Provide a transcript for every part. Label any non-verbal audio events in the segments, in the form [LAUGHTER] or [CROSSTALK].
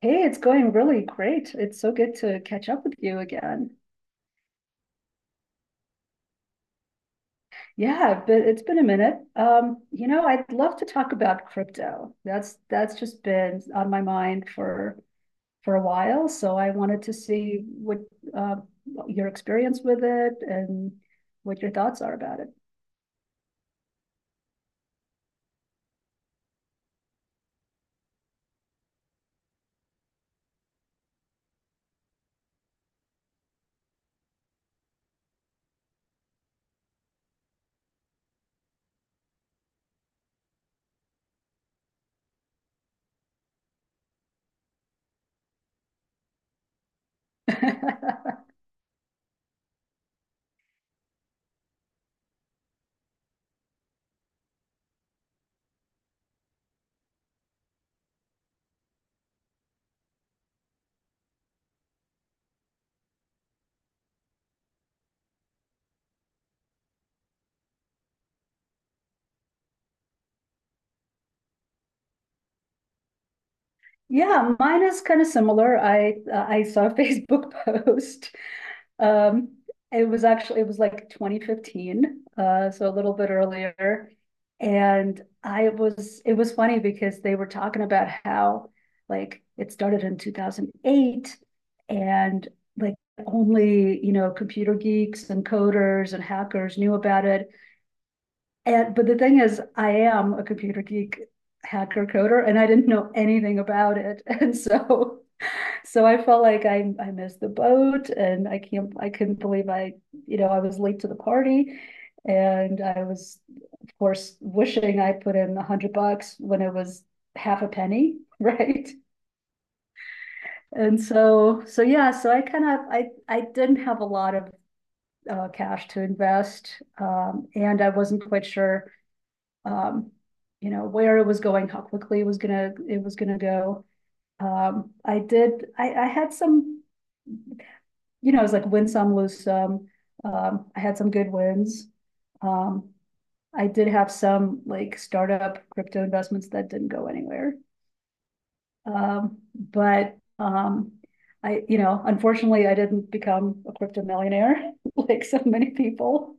Hey, it's going really great. It's so good to catch up with you again. Yeah, but it's been a minute. You know, I'd love to talk about crypto. That's just been on my mind for a while. So I wanted to see what uh, your experience with it and what your thoughts are about it. [LAUGHS] Yeah, mine is kind of similar. I saw a [LAUGHS] Facebook post. Um, it was actually it was like 2015, so a little bit earlier. And I was it was funny because they were talking about how like it started in 2008 and like only, you know, computer geeks and coders and hackers knew about it. And but the thing is, I am a computer geek hacker coder and I didn't know anything about it. [LAUGHS] And so I felt like I missed the boat and I can't I couldn't believe you know, I was late to the party and I was of course wishing I put in 100 bucks when it was half a penny, [LAUGHS] right? And so yeah, so I kind of I didn't have a lot of cash to invest, and I wasn't quite sure, um, you know, where it was going, how quickly it was gonna go. I did I had some, you know, it was like win some, lose some. I had some good wins. Um, I did have some like startup crypto investments that didn't go anywhere. But I, you know, unfortunately, I didn't become a crypto millionaire [LAUGHS] like so many people.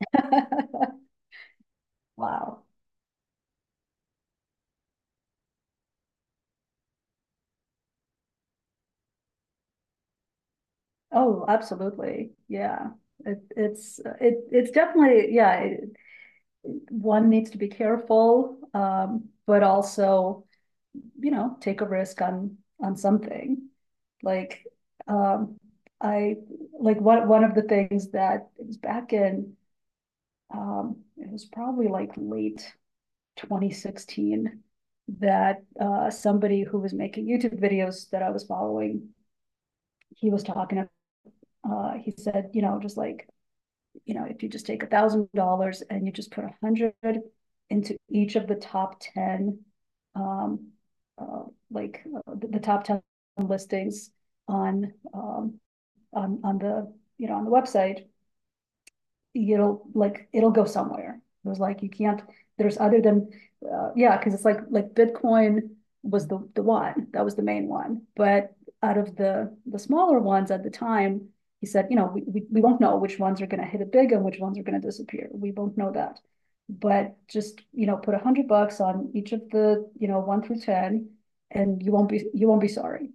[LAUGHS] Wow. Oh, absolutely. Yeah. It's definitely yeah, one needs to be careful, but also you know take a risk on something like um I like one of the things that it was back in it was probably like late 2016 that somebody who was making YouTube videos that I was following he was talking he said, you know, just like, you know, if you just take $1,000 and you just put a hundred into each of the top ten, um, uh, the top ten listings on, on you know, on the website, it'll go somewhere. It was like you can't. There's other than yeah, because it's like Bitcoin was the one that was the main one, but out of the smaller ones at the time, he said, you know, we won't know which ones are going to hit it big and which ones are going to disappear. We won't know that. But just you know, put 100 bucks on each of the you know one through ten, and you won't be sorry.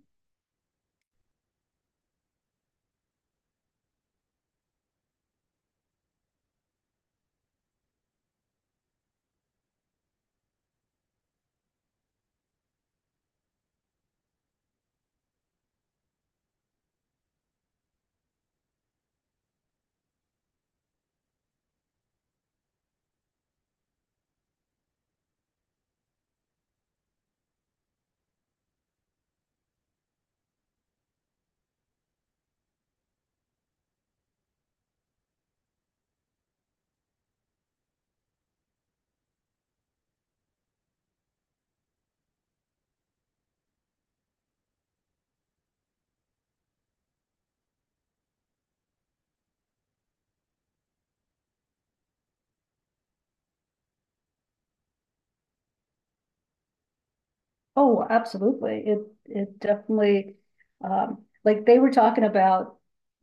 Oh, absolutely. It definitely like they were talking about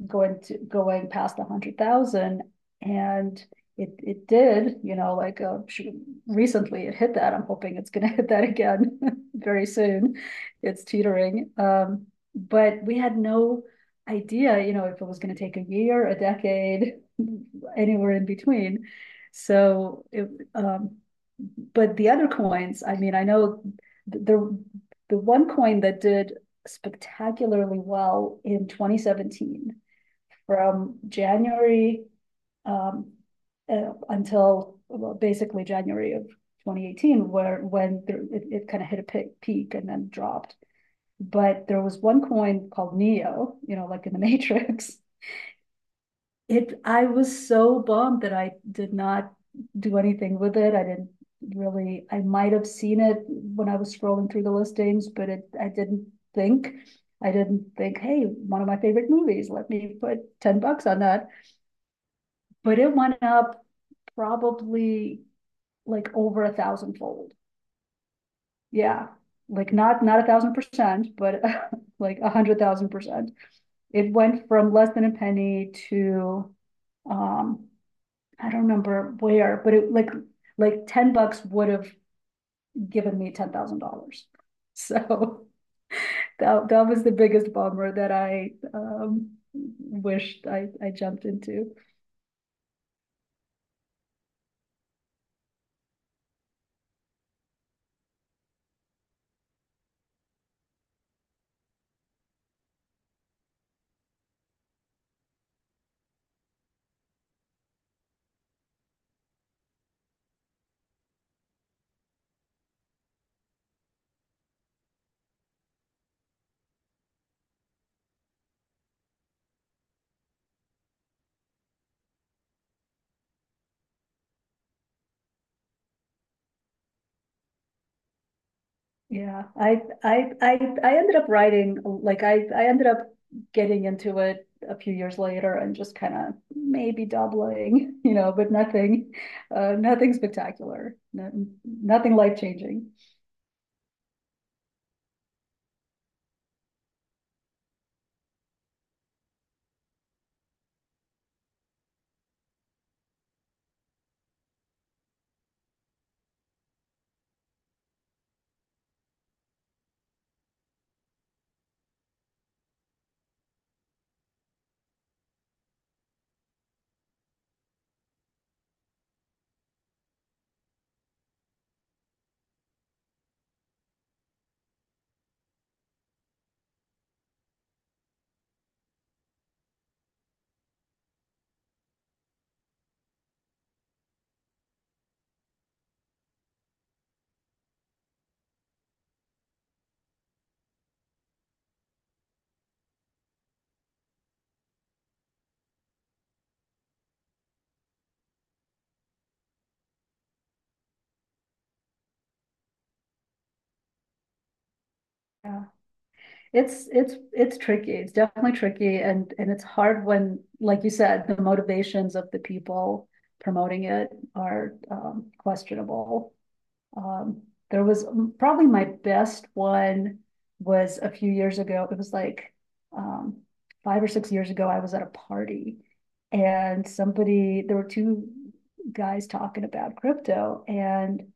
going past a hundred thousand and it did, you know, like recently it hit that. I'm hoping it's gonna [LAUGHS] hit that again [LAUGHS] very soon. It's teetering. But we had no idea, you know, if it was gonna take a year, a decade, [LAUGHS] anywhere in between. So it um but the other coins, I mean, I know the the one coin that did spectacularly well in 2017 from January, um, until well, basically January of 2018, where it kind of hit a peak and then dropped. But there was one coin called Neo, you know, like in the [LAUGHS] Matrix, I was so bummed that I did not do anything with it. I didn't really, I might have seen it when I was scrolling through the listings, but it, I didn't think. I didn't think, hey, one of my favorite movies, let me put 10 bucks on that. But it went up probably like over a thousand fold. Yeah. Like not 1,000%, but [LAUGHS] like 100,000%. It went from less than a penny to um I don't remember where, but it like 10 bucks would have given me $10,000. [LAUGHS] So that was the biggest bummer that I wished I jumped into. Yeah, I ended up writing like I ended up getting into it a few years later and just kind of maybe doubling, [LAUGHS] you know, but nothing nothing spectacular, no, nothing life-changing. Yeah. It's tricky. It's definitely tricky and it's hard when, like you said, the motivations of the people promoting it are questionable. Um, there was probably my best one was a few years ago. It was like, um, 5 or 6 years ago. I was at a party and somebody there were two guys talking about crypto and,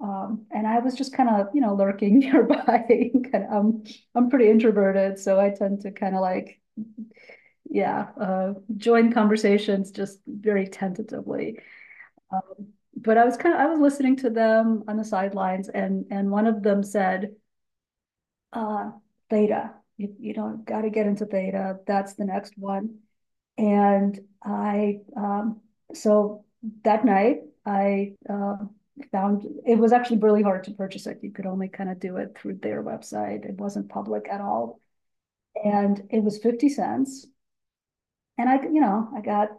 and I was just kind of, you know, lurking nearby. [LAUGHS] Kind of, I'm pretty introverted, so I tend to kind of like, yeah, join conversations just very tentatively. Um, but I was kind of, I was listening to them on the sidelines, and one of them said, uh, "Theta, you know, got to get into theta. That's the next one." And so that night, I found it was actually really hard to purchase it. You could only kind of do it through their website. It wasn't public at all. And it was 50 cents. And I, you know, I got a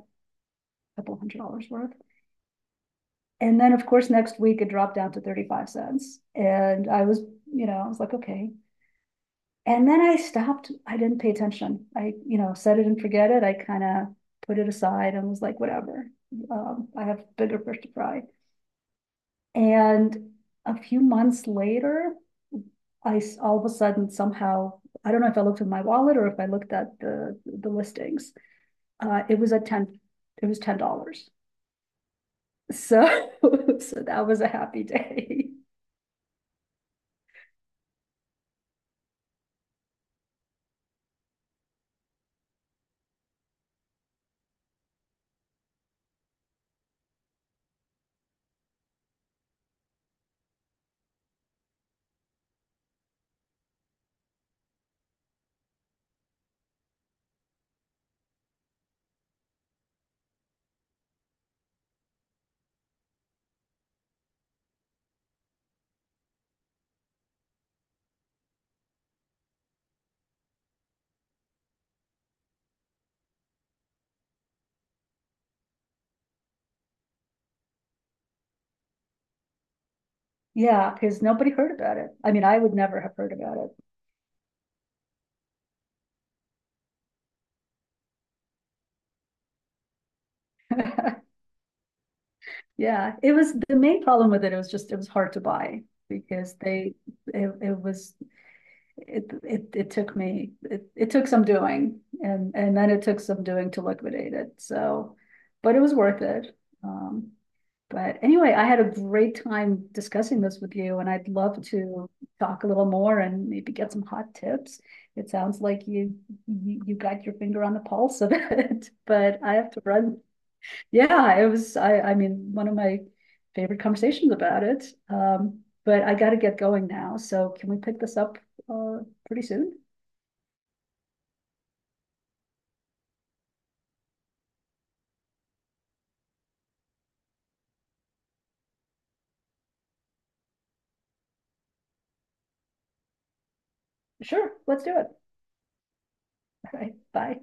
couple $100 worth. And then, of course, next week it dropped down to 35 cents. And I was, you know, I was like, okay, and then I stopped, I didn't pay attention. I, you know, set it and forget it. I kind of put it aside and was like, whatever. I have bigger fish to fry. And a few months later, I all of a sudden somehow, I don't know if I looked at my wallet or if I looked at the listings. Uh, it was a ten, it was $10. So, [LAUGHS] so that was a happy day. [LAUGHS] Yeah, because nobody heard about it. I mean, I would never have heard about it. [LAUGHS] Yeah, it was the main problem with it. It was just it was hard to buy because they it, it was it, it it took me it took some doing and then it took some doing to liquidate it. So, but it was worth it. Um, but anyway, I had a great time discussing this with you, and I'd love to talk a little more and maybe get some hot tips. It sounds like you got your finger on the pulse of it, [LAUGHS] but I have to run yeah, it was, I mean, one of my favorite conversations about it. But I got to get going now. So can we pick this up uh, pretty soon? Sure, let's do it. All right, bye.